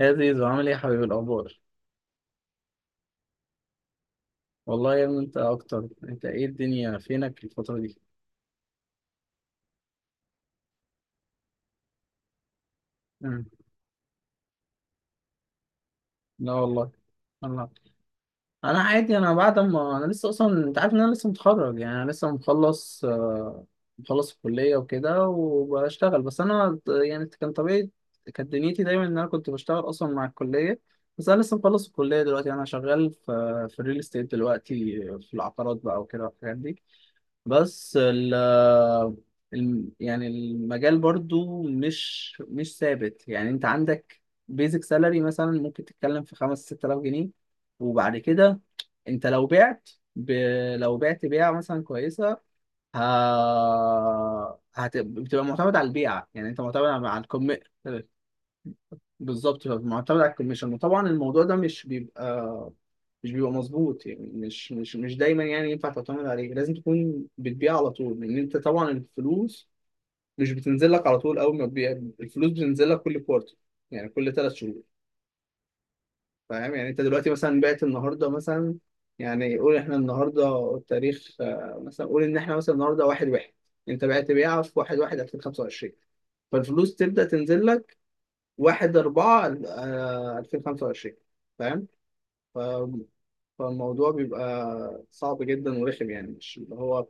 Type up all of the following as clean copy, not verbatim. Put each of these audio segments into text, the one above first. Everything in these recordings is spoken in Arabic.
يا زيزو، عامل ايه يا حبيبي؟ الاخبار. والله يا ابني انت اكتر. انت ايه، الدنيا فينك الفتره دي؟ مم. لا والله. الله. انا عادي، انا بعد ما انا لسه اصلا، انت عارف ان انا لسه متخرج، يعني انا لسه مخلص، مخلص الكليه وكده وبشتغل. بس انا يعني كان طبيعي، كانت دنيتي دايما ان انا كنت بشتغل اصلا مع الكليه. بس انا لسه مخلص الكليه دلوقتي. انا شغال في الريل استيت دلوقتي، في العقارات بقى وكده والحاجات دي. بس يعني المجال برضو مش ثابت. يعني انت عندك بيزك سالري مثلا، ممكن تتكلم في خمس ست آلاف جنيه. وبعد كده انت لو بعت، ب... لو بعت بيعة مثلا كويسة، ه... بتبقى معتمد على البيعة. يعني انت معتمد على الكم. بالظبط، معتمد على الكوميشن. وطبعا الموضوع ده مش بيبقى مظبوط، يعني مش دايما يعني ينفع تعتمد عليه. لازم تكون بتبيع على طول، لان انت طبعا الفلوس مش بتنزل لك على طول اول ما تبيع. الفلوس بتنزل لك كل كوارتر، يعني كل ثلاث شهور. فاهم؟ يعني انت دلوقتي مثلا بعت النهارده مثلا، يعني قول احنا النهارده التاريخ مثلا قول ان احنا مثلا النهارده واحد واحد. انت بعت بيعه في واحد واحد 2025، فالفلوس تبدأ تنزل لك 1 4 2025. فاهم؟ ف... فالموضوع بيبقى صعب جدا ورخم، يعني مش اللي هو.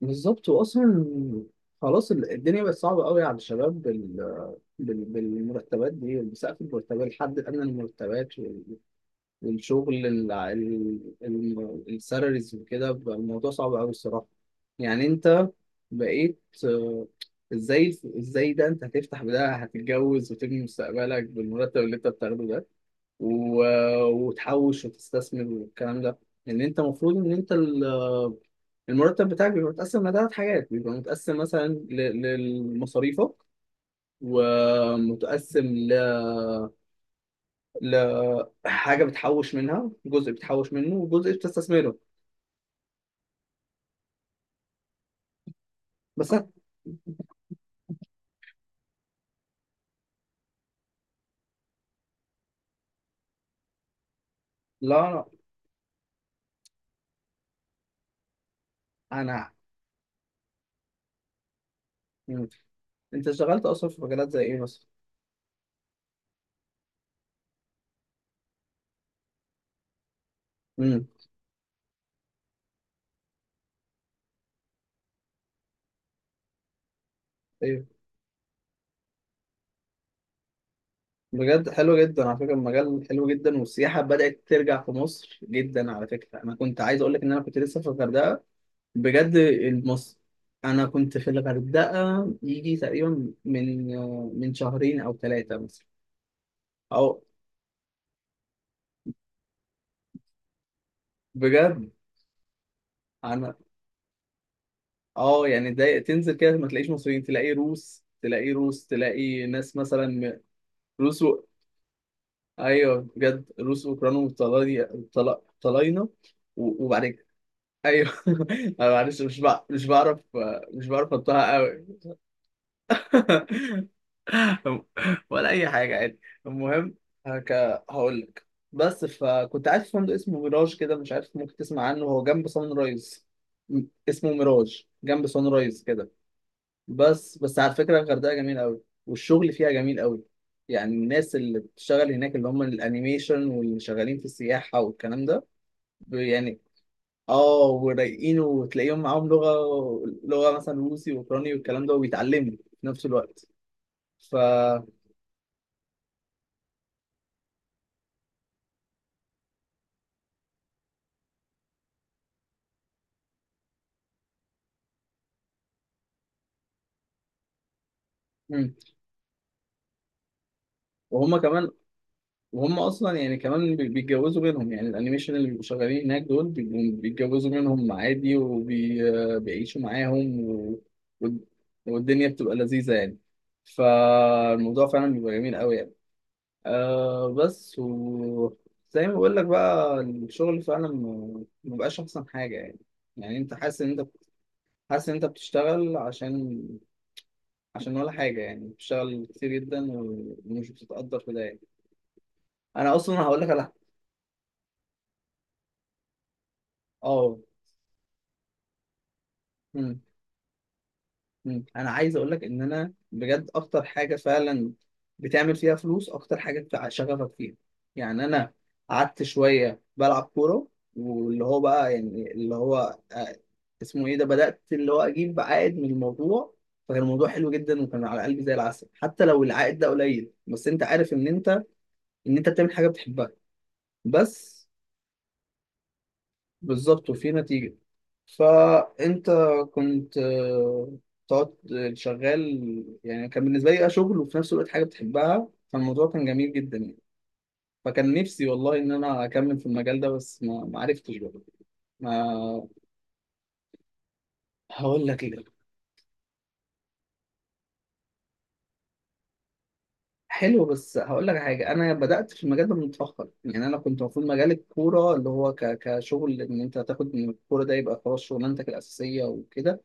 بالظبط. واصلا خلاص، الدنيا بقت صعبه قوي على الشباب، بالمرتبات دي، بسقف المرتبات، الحد الادنى للمرتبات، والشغل السالاريز وكده، بقى الموضوع صعب قوي الصراحه. يعني انت بقيت ازاي، ازاي ده انت هتفتح، بده هتتجوز وتبني مستقبلك بالمرتب اللي انت بتاخده ده، وتحوش وتستثمر والكلام ده. لان انت المفروض ان انت المرتب بتاعك بيبقى متقسم لثلاث حاجات. بيبقى متقسم مثلا لمصاريفك، ومتقسم لحاجة بتحوش منها جزء، بتحوش منه، وجزء بتستثمره. بس أنا- لا، أنا. مم. أنت اشتغلت أصلا في مجالات زي إيه مثلا؟ امم. أيوه، بجد حلو جدا. على فكرة المجال حلو جدا، والسياحة بدأت ترجع في مصر جدا. على فكرة أنا كنت عايز أقول لك إن أنا كنت لسه في الغردقة بجد. انا كنت في الغردقه يجي تقريبا من شهرين او ثلاثه مثلا. او بجد. انا اه، يعني ده تنزل كده ما تلاقيش مصريين، تلاقي روس، تلاقي روس، تلاقي ناس مثلا، روس ايوه بجد، روس واوكران وطلاينة، طلاينة، وبعد كده ايوه. انا معلش مش بعرف، مش بعرف انطقها قوي. ولا اي حاجه عادي. المهم هك... هقول لك. بس فكنت قاعد في فندق اسمه ميراج كده، مش عارف ممكن تسمع عنه، هو جنب سان رايز. م- اسمه ميراج جنب سان رايز كده. بس على فكره الغردقه جميله قوي، والشغل فيها جميل قوي. يعني الناس اللي بتشتغل هناك اللي هم الانيميشن واللي شغالين في السياحه والكلام ده يعني اه، ورايقين، وتلاقيهم معاهم لغه، لغه مثلا روسي واوكراني والكلام ده، وبيتعلموا في نفس الوقت. ف مم. وهم كمان، وهم اصلا يعني كمان بيتجوزوا منهم. يعني الانيميشن اللي بيبقوا شغالين هناك دول بيبقوا بيتجوزوا منهم عادي، وبيعيشوا معاهم، و- والدنيا بتبقى لذيذة يعني. فالموضوع فعلا بيبقى جميل قوي يعني. آه، بس وزي ما بقول لك بقى، الشغل فعلا ما بقاش احسن حاجة يعني. يعني انت حاسس ان انت، حاسس ان انت بتشتغل عشان ولا حاجة، يعني بتشتغل كتير جدا، ومش بتتقدر في ده يعني. انا اصلا هقول لك على اه. مم. انا عايز اقول لك ان انا بجد اكتر حاجه فعلا بتعمل فيها فلوس، اكتر حاجه شغفك فيها. يعني انا قعدت شويه بلعب كوره، واللي هو بقى يعني اللي هو اسمه ايه ده، بدات اللي هو اجيب عائد من الموضوع. فكان الموضوع حلو جدا، وكان على قلبي زي العسل. حتى لو العائد ده قليل، بس انت عارف ان انت، ان انت بتعمل حاجه بتحبها بس. بالظبط، وفي نتيجة. فأنت كنت تقعد شغال. يعني كان بالنسبة لي ده شغل، وفي نفس الوقت حاجة بتحبها. فالموضوع كان جميل جدا يعني. فكان نفسي والله إن أنا أكمل في المجال ده، بس ما عرفتش بقى. ما. هقول لك إيه. حلو، بس هقول لك حاجة، أنا بدأت في المجال ده متأخر. يعني أنا كنت المفروض مجال الكورة، اللي هو كشغل، إن أنت تاخد من الكورة ده يبقى خلاص شغلانتك الأساسية وكده.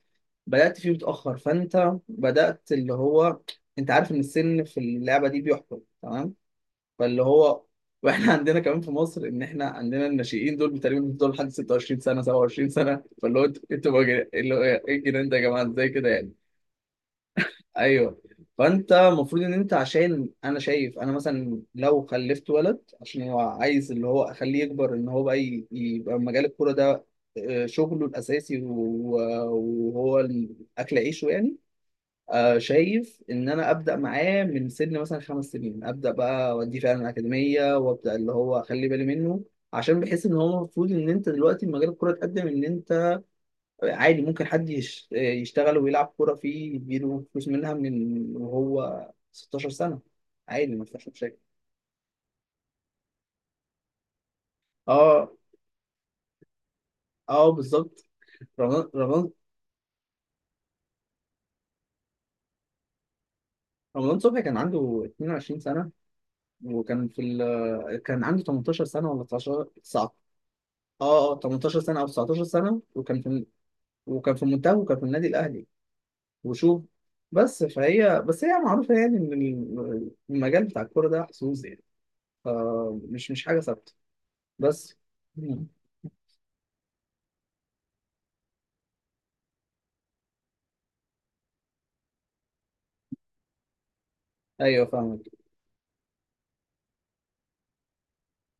بدأت فيه متأخر، فأنت بدأت اللي هو، أنت عارف إن السن في اللعبة دي بيحكم تمام. فاللي هو. وإحنا عندنا كمان في مصر، إن إحنا عندنا الناشئين دول تقريبا بيفضلوا لحد 26 سنة، 27 سنة. فاللي هو، أنتوا بقى، اللي هو إيه الجنان ده يا جماعة، إزاي كده يعني؟ أيوه. فأنت المفروض إن أنت، عشان أنا شايف، أنا مثلا لو خلفت ولد، عشان هو عايز اللي هو أخليه يكبر، إن هو بقى يبقى مجال الكورة ده شغله الأساسي، وهو أكل عيشه يعني. شايف ان انا ابدا معاه من سن مثلا خمس سنين، ابدا بقى اوديه فعلا الاكاديميه، وابدا اللي هو اخلي بالي منه. عشان بحس ان هو المفروض ان انت دلوقتي مجال الكوره اتقدم. ان انت عادي ممكن حد يشتغل ويلعب كوره فيه يديله فلوس منها، من وهو 16 سنه، عادي ما فيش مشاكل. اه اه بالظبط. رمضان رمضان صبحي كان عنده 22 سنه، وكان في كان عنده 18 سنه ولا 19، 19. اه اه، 18 سنه او 19 سنه، وكان في، وكان في منتخب، وكان في النادي الاهلي. وشوف. فهي بس هي معروفه، يعني ان المجال بتاع الكوره ده حظوظ يعني، فمش مش حاجه ثابته بس. مم. ايوه فاهمك.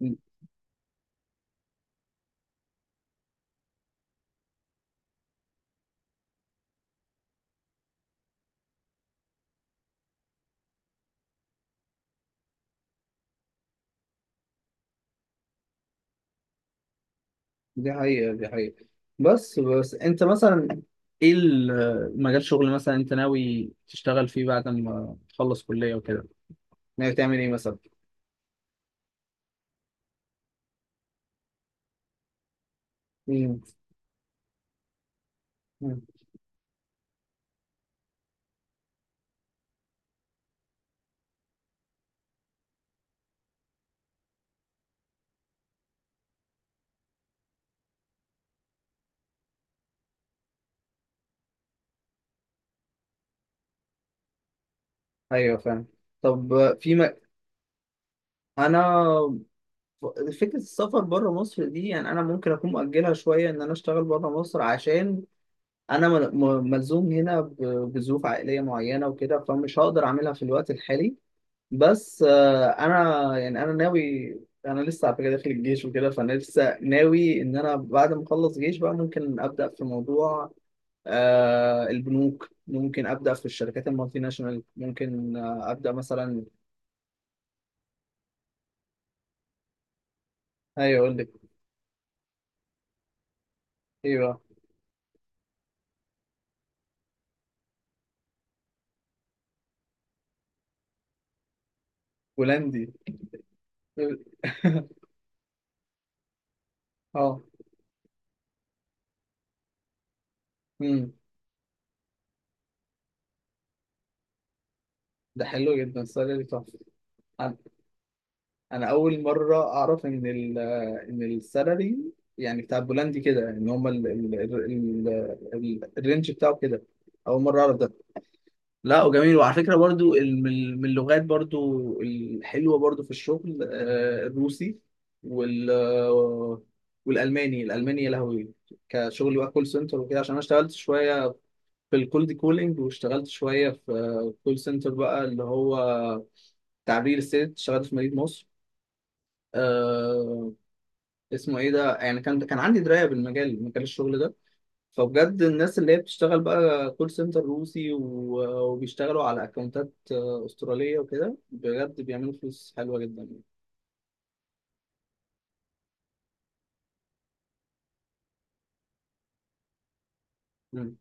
مم. دي حقيقه دي حقيقه. بس انت مثلا ايه مجال شغل مثلا انت ناوي تشتغل فيه بعد ما تخلص كليه وكده، ناوي تعمل ايه مثلا؟ مم. مم. ايوه فاهم. طب، في م... انا، فكرة السفر بره مصر دي، يعني أنا ممكن أكون مؤجلها شوية إن أنا أشتغل بره مصر، عشان أنا ملزوم هنا بظروف عائلية معينة وكده. فمش هقدر أعملها في الوقت الحالي. بس أنا يعني أنا ناوي، أنا لسه على فكرة داخل الجيش وكده. فأنا لسه ناوي إن أنا بعد ما أخلص جيش بقى ممكن أبدأ في موضوع البنوك، ممكن أبدأ في الشركات المالتي ناشونال، ممكن أبدأ مثلا. أيوه، أقول لك. أيوه. هولندي. اه. امم. ده حلو جدا السالري، تحفه. انا، أنا اول مره اعرف ان ان السالري، يعني بتاع البولندي كده، ان هم ال الرينج بتاعه كده، اول مره اعرف ده. لا، وجميل. وعلى فكره برضو من اللغات برضو الحلوه برضو في الشغل الروسي وال والالماني. الالماني يا لهوي، كشغل بقى كول سنتر وكده. عشان انا اشتغلت شويه في الكولد كولينج، واشتغلت شويه في كول سنتر بقى، اللي هو تعبير الست. اشتغلت في مدينة مصر، آه، اسمه ايه ده، يعني كان عندي دراية بالمجال، مجال الشغل ده. فبجد الناس اللي هي بتشتغل بقى كول سنتر روسي، وبيشتغلوا على اكونتات استرالية وكده، بجد بيعملوا فلوس حلوة جدا يعني. مم.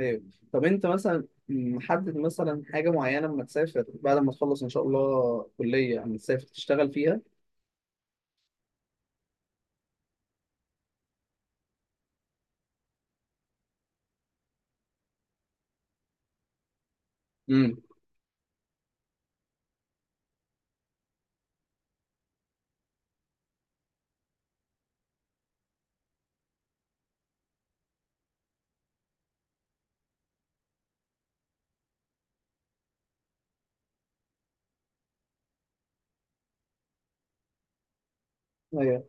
ايوه. طب انت مثلا محدد مثلا حاجة معينة لما تسافر بعد ما تخلص ان شاء الله كلية، اما تسافر تشتغل فيها؟ امم. ايوه.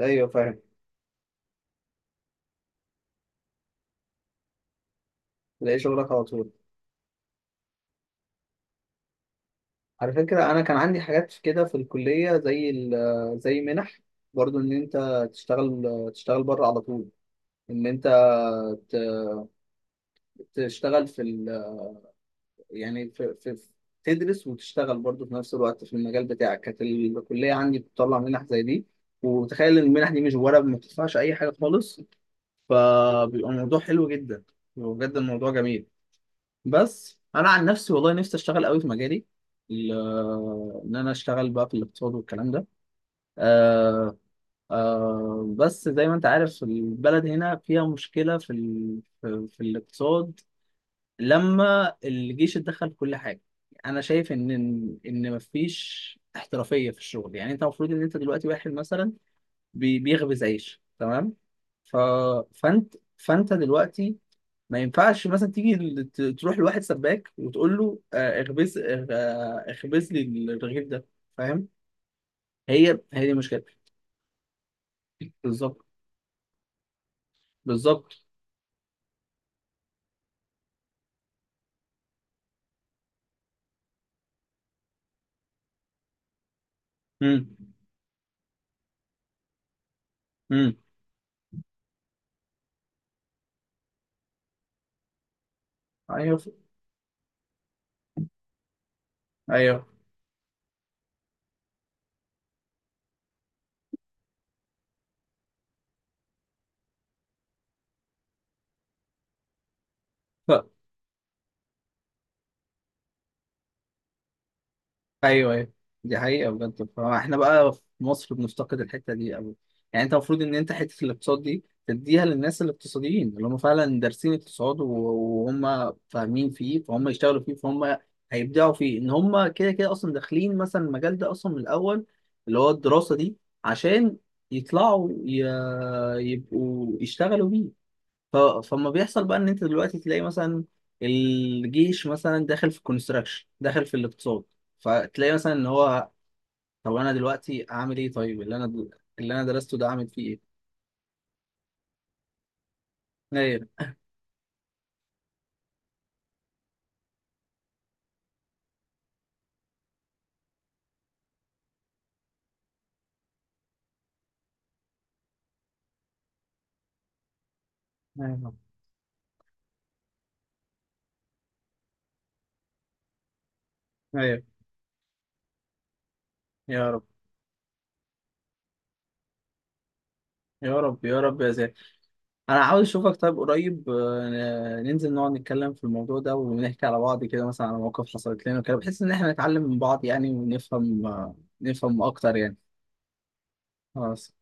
ايوه فاهم. تلاقي شغلك على طول. على فكرة أنا كان عندي حاجات كده في الكلية، زي زي منح، برضو إن أنت تشتغل، تشتغل بره على طول. إن أنت ت- تشتغل في ال، يعني في, في تدرس وتشتغل برضو في نفس الوقت في المجال بتاعك. كانت الكلية عندي بتطلع منح زي دي، وتخيل إن المنح دي مش ورق، ما بتدفعش أي حاجة خالص. فبيبقى الموضوع حلو جدا، بيبقى بجد الموضوع جميل. بس أنا عن نفسي والله نفسي أشتغل قوي في مجالي، ال- إن أنا أشتغل بقى في الاقتصاد والكلام ده، آه. آه، بس زي ما انت عارف البلد هنا فيها مشكلة في في الاقتصاد. لما الجيش اتدخل في كل حاجة، انا شايف ان إن مفيش احترافية في الشغل. يعني انت المفروض ان انت دلوقتي واحد مثلا بيخبز عيش تمام. ف... فانت دلوقتي ما ينفعش مثلا تيجي تروح لواحد سباك وتقول له اخبز، اخبز لي الرغيف ده. فاهم؟ هي هي دي المشكلة. بالظبط بالظبط. امم. امم. ايوه ايوه. ف... ايوه ايوه. دي حقيقه بجد. فاحنا بقى في مصر بنفتقد الحته دي قوي. يعني انت المفروض ان انت حته الاقتصاد دي تديها للناس الاقتصاديين اللي هم فعلا دارسين اقتصاد، وهم فاهمين فيه، فهم يشتغلوا فيه، فهم هيبدعوا فيه. ان هم كده كده اصلا داخلين مثلا المجال ده اصلا من الاول، اللي هو الدراسه دي، عشان يطلعوا يبقوا يشتغلوا بيه. فما بيحصل بقى ان انت دلوقتي تلاقي مثلا الجيش مثلا داخل في الكونستراكشن، داخل في الاقتصاد. فتلاقي مثلا ان هو، طب انا دلوقتي اعمل ايه، طيب اللي انا، اللي انا درسته ده اعمل فيه ايه. ايوه ايوه ايوه. يا رب. يا رب يا رب يا زين. انا عاوز اشوفك طيب قريب، ننزل نقعد نتكلم في الموضوع ده، ونحكي على بعض كده مثلا على مواقف حصلت لنا وكده، بحيث ان احنا نتعلم من بعض يعني، ونفهم نفهم اكتر يعني. خلاص،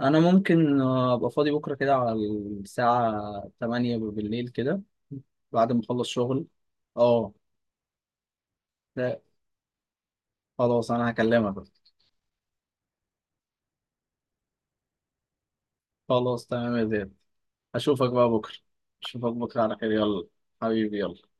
انا ممكن ابقى فاضي بكره كده على الساعه 8 بالليل كده، بعد ما اخلص شغل. اه. لا، خلاص انا هكلمك بقى. خلاص تمام يا زياد. اشوفك بقى بكره. اشوفك بكره على خير، يلا. حبيبي، يلا.